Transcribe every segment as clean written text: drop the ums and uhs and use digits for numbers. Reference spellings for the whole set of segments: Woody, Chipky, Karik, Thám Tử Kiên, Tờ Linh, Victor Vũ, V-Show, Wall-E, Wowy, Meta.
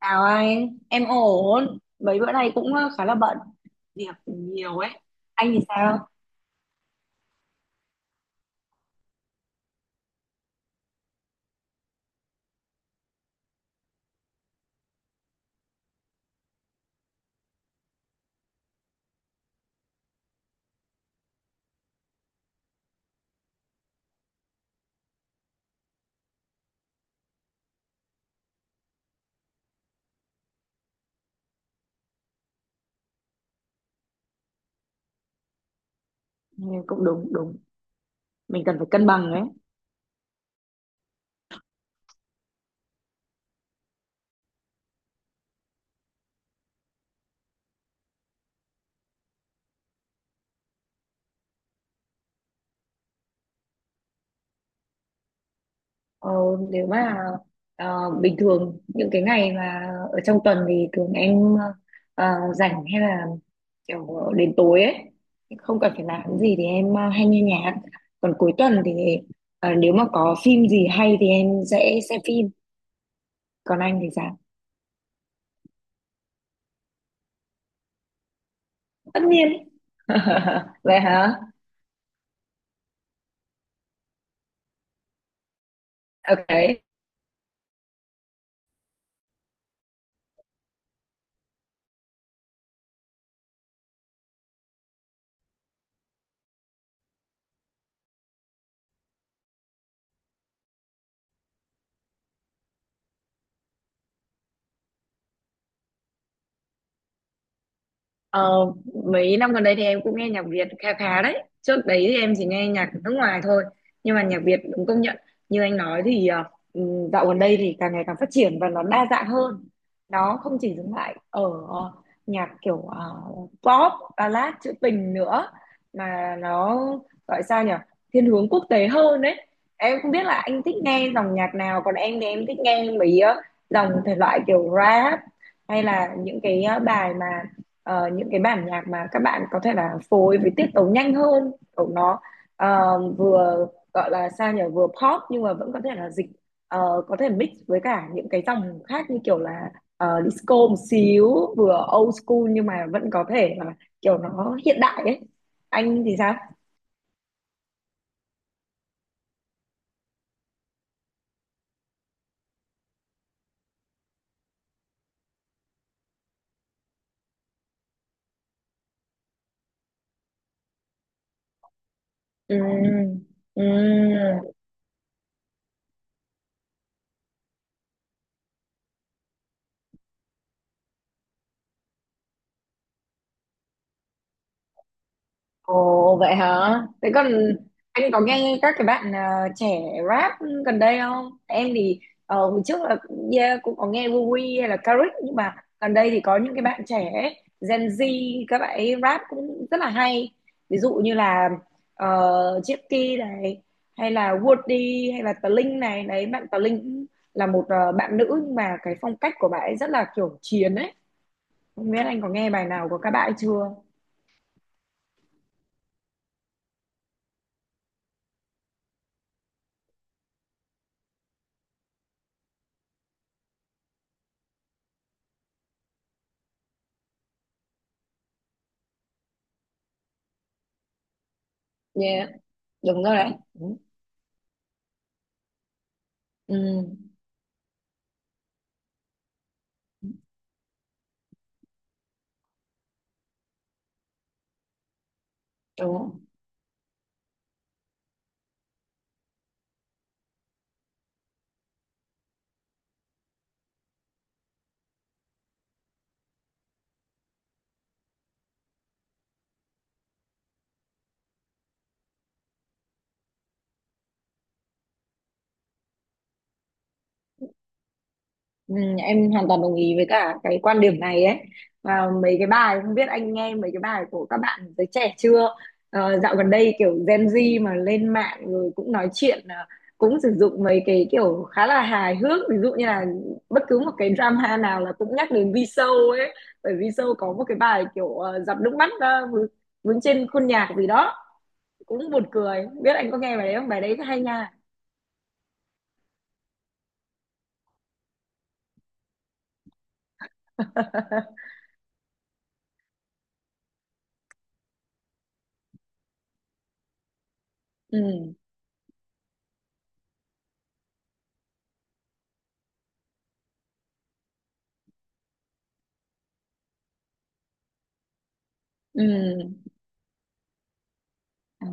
Chào anh, em ổn. Mấy bữa nay cũng khá là bận, việc nhiều ấy. Anh thì sao? Ừ, cũng đúng đúng, mình cần phải cân bằng ấy. Ờ, Nếu mà bình thường những cái ngày mà ở trong tuần thì thường em ờ, rảnh hay là kiểu đến tối ấy, không cần phải làm gì thì em hay nghe nhạc. Còn cuối tuần thì nếu mà có phim gì hay thì em sẽ xem phim. Còn anh thì sao? Tất nhiên. Vậy hả? Ok. Ờ, mấy năm gần đây thì em cũng nghe nhạc Việt khá khá đấy. Trước đấy thì em chỉ nghe nhạc nước ngoài thôi. Nhưng mà nhạc Việt đúng công nhận. Như anh nói thì dạo gần đây thì càng ngày càng phát triển và nó đa dạng hơn. Nó không chỉ dừng lại ở ờ, nhạc kiểu pop, ballad, trữ tình nữa. Mà nó gọi sao nhỉ? Thiên hướng quốc tế hơn đấy. Em không biết là anh thích nghe dòng nhạc nào. Còn em thì em thích nghe mấy dòng thể loại kiểu rap hay là những cái bài mà những cái bản nhạc mà các bạn có thể là phối với tiết tấu nhanh hơn của nó, vừa gọi là sao nhỉ, vừa pop nhưng mà vẫn có thể là dịch, có thể mix với cả những cái dòng khác như kiểu là disco một xíu, vừa old school nhưng mà vẫn có thể là kiểu nó hiện đại ấy. Anh thì sao? Ừm, ừm. Ồ vậy hả? Thế còn anh có nghe các cái bạn trẻ rap gần đây không? Em thì hồi trước là, yeah, cũng có nghe Wowy hay là Karik nhưng mà gần đây thì có những cái bạn trẻ ấy, Gen Z các bạn ấy rap cũng rất là hay. Ví dụ như là Chipky này, hay là Woody, hay là Tờ Linh này. Đấy, bạn Tờ Linh cũng là một bạn nữ nhưng mà cái phong cách của bạn ấy rất là kiểu chiến ấy. Không biết anh có nghe bài nào của các bạn ấy chưa? Yeah, đúng rồi đấy. Ừ, đúng. Ừ, em hoàn toàn đồng ý với cả cái quan điểm này ấy. Và mấy cái bài, không biết anh nghe mấy cái bài của các bạn giới trẻ chưa? Ờ, dạo gần đây kiểu Gen Z mà lên mạng rồi cũng nói chuyện, à, cũng sử dụng mấy cái kiểu khá là hài hước, ví dụ như là bất cứ một cái drama nào là cũng nhắc đến V-Show ấy, bởi V-Show có một cái bài kiểu giọt nước mắt vướng trên khuôn nhạc gì đó, cũng buồn cười. Không biết anh có nghe bài đấy không? Bài đấy hay nha. Ừ, ừ. Ờ.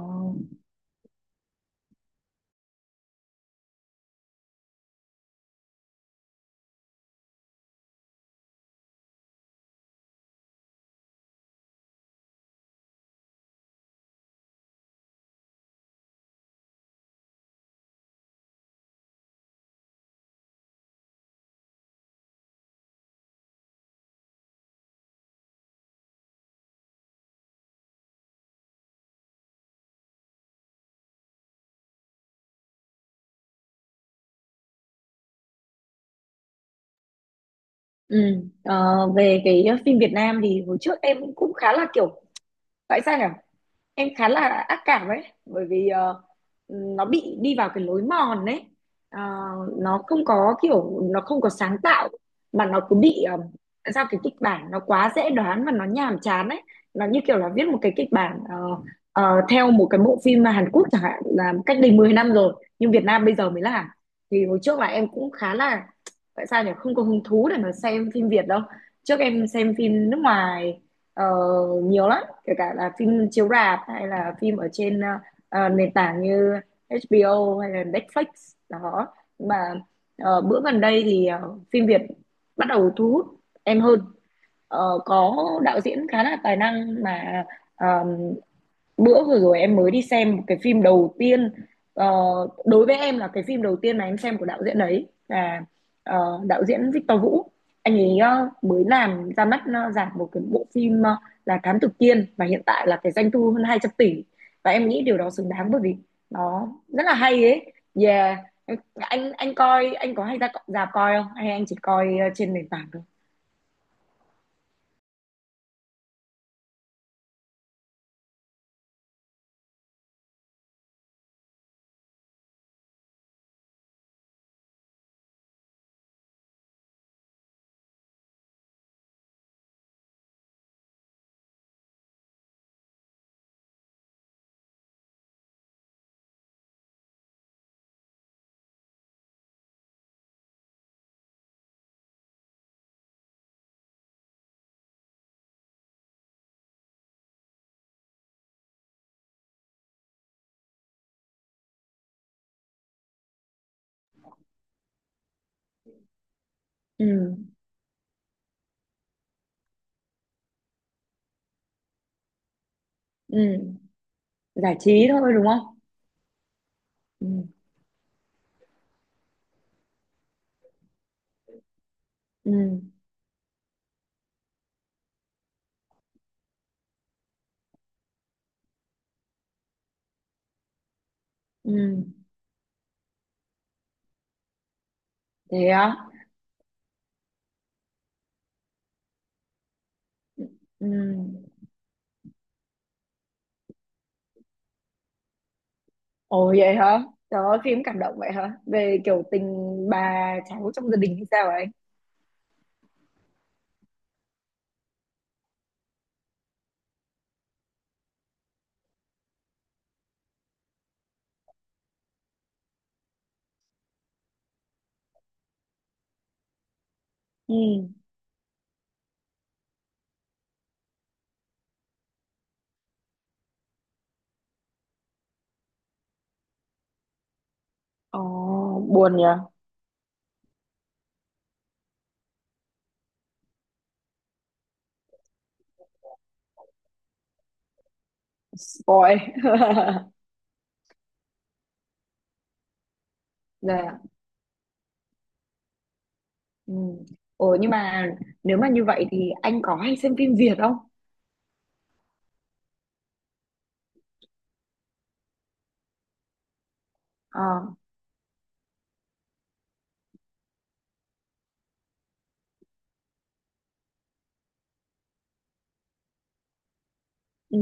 Ừ. Ờ, về cái phim Việt Nam thì hồi trước em cũng khá là kiểu, tại sao nhỉ, em khá là ác cảm ấy, bởi vì nó bị đi vào cái lối mòn ấy. Ờ, nó không có kiểu, nó không có sáng tạo mà nó cứ bị sao, cái kịch bản nó quá dễ đoán và nó nhàm chán ấy. Nó như kiểu là viết một cái kịch bản theo một cái bộ phim mà Hàn Quốc chẳng hạn là cách đây 10 năm rồi, nhưng Việt Nam bây giờ mới làm. Thì hồi trước là em cũng khá là, tại sao nhỉ, không có hứng thú để mà xem phim Việt đâu. Trước em xem phim nước ngoài ờ, nhiều lắm, kể cả là phim chiếu rạp hay là phim ở trên nền tảng như HBO hay là Netflix đó. Nhưng mà bữa gần đây thì phim Việt bắt đầu thu hút em hơn. Ờ, có đạo diễn khá là tài năng mà ờ, bữa vừa rồi em mới đi xem một cái phim đầu tiên, ờ, đối với em là cái phim đầu tiên mà em xem của đạo diễn đấy, là đạo diễn Victor Vũ. Anh ấy mới làm ra mắt giảm một cái bộ phim là Thám Tử Kiên, và hiện tại là cái doanh thu hơn 200 tỷ, và em nghĩ điều đó xứng đáng bởi vì nó rất là hay ấy. Yeah. Anh- anh coi, anh có hay ra rạp coi không hay anh chỉ coi trên nền tảng thôi? Ừ, ừ. Giải trí thôi đúng không? Ừ, ừ, ừ. Thế á? Ừ. Ồ vậy hả? Trời ơi, phim cảm động vậy hả? Về kiểu tình bà cháu trong gia đình hay sao ấy? Ừ. Ồ, buồn nhỉ? Spoil. Dạ. Ừ. Ồ, nhưng mà nếu mà như vậy thì anh có hay xem phim Việt không? Ờ. Ừ.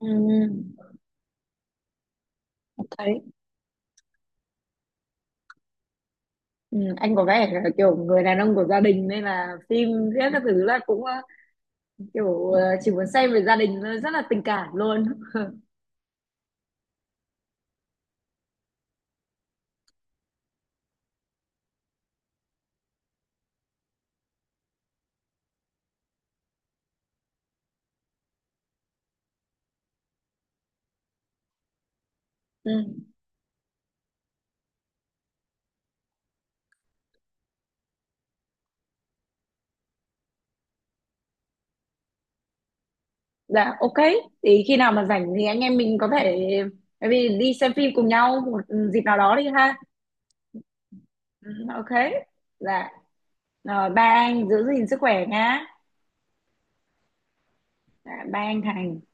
Ừ. Thấy. Ừ. Anh có vẻ là kiểu người đàn ông của gia đình nên là phim viết các thứ là cũng kiểu chỉ muốn xem về gia đình thôi, rất là tình cảm luôn. Ừ. Dạ, ok, thì khi nào mà rảnh thì anh em mình có thể, bởi vì, đi xem phim cùng nhau một dịp nào đó đi ha. Ừ, ok. Dạ rồi, ba anh, giữ gìn sức khỏe nhá. Dạ, ba anh Thành.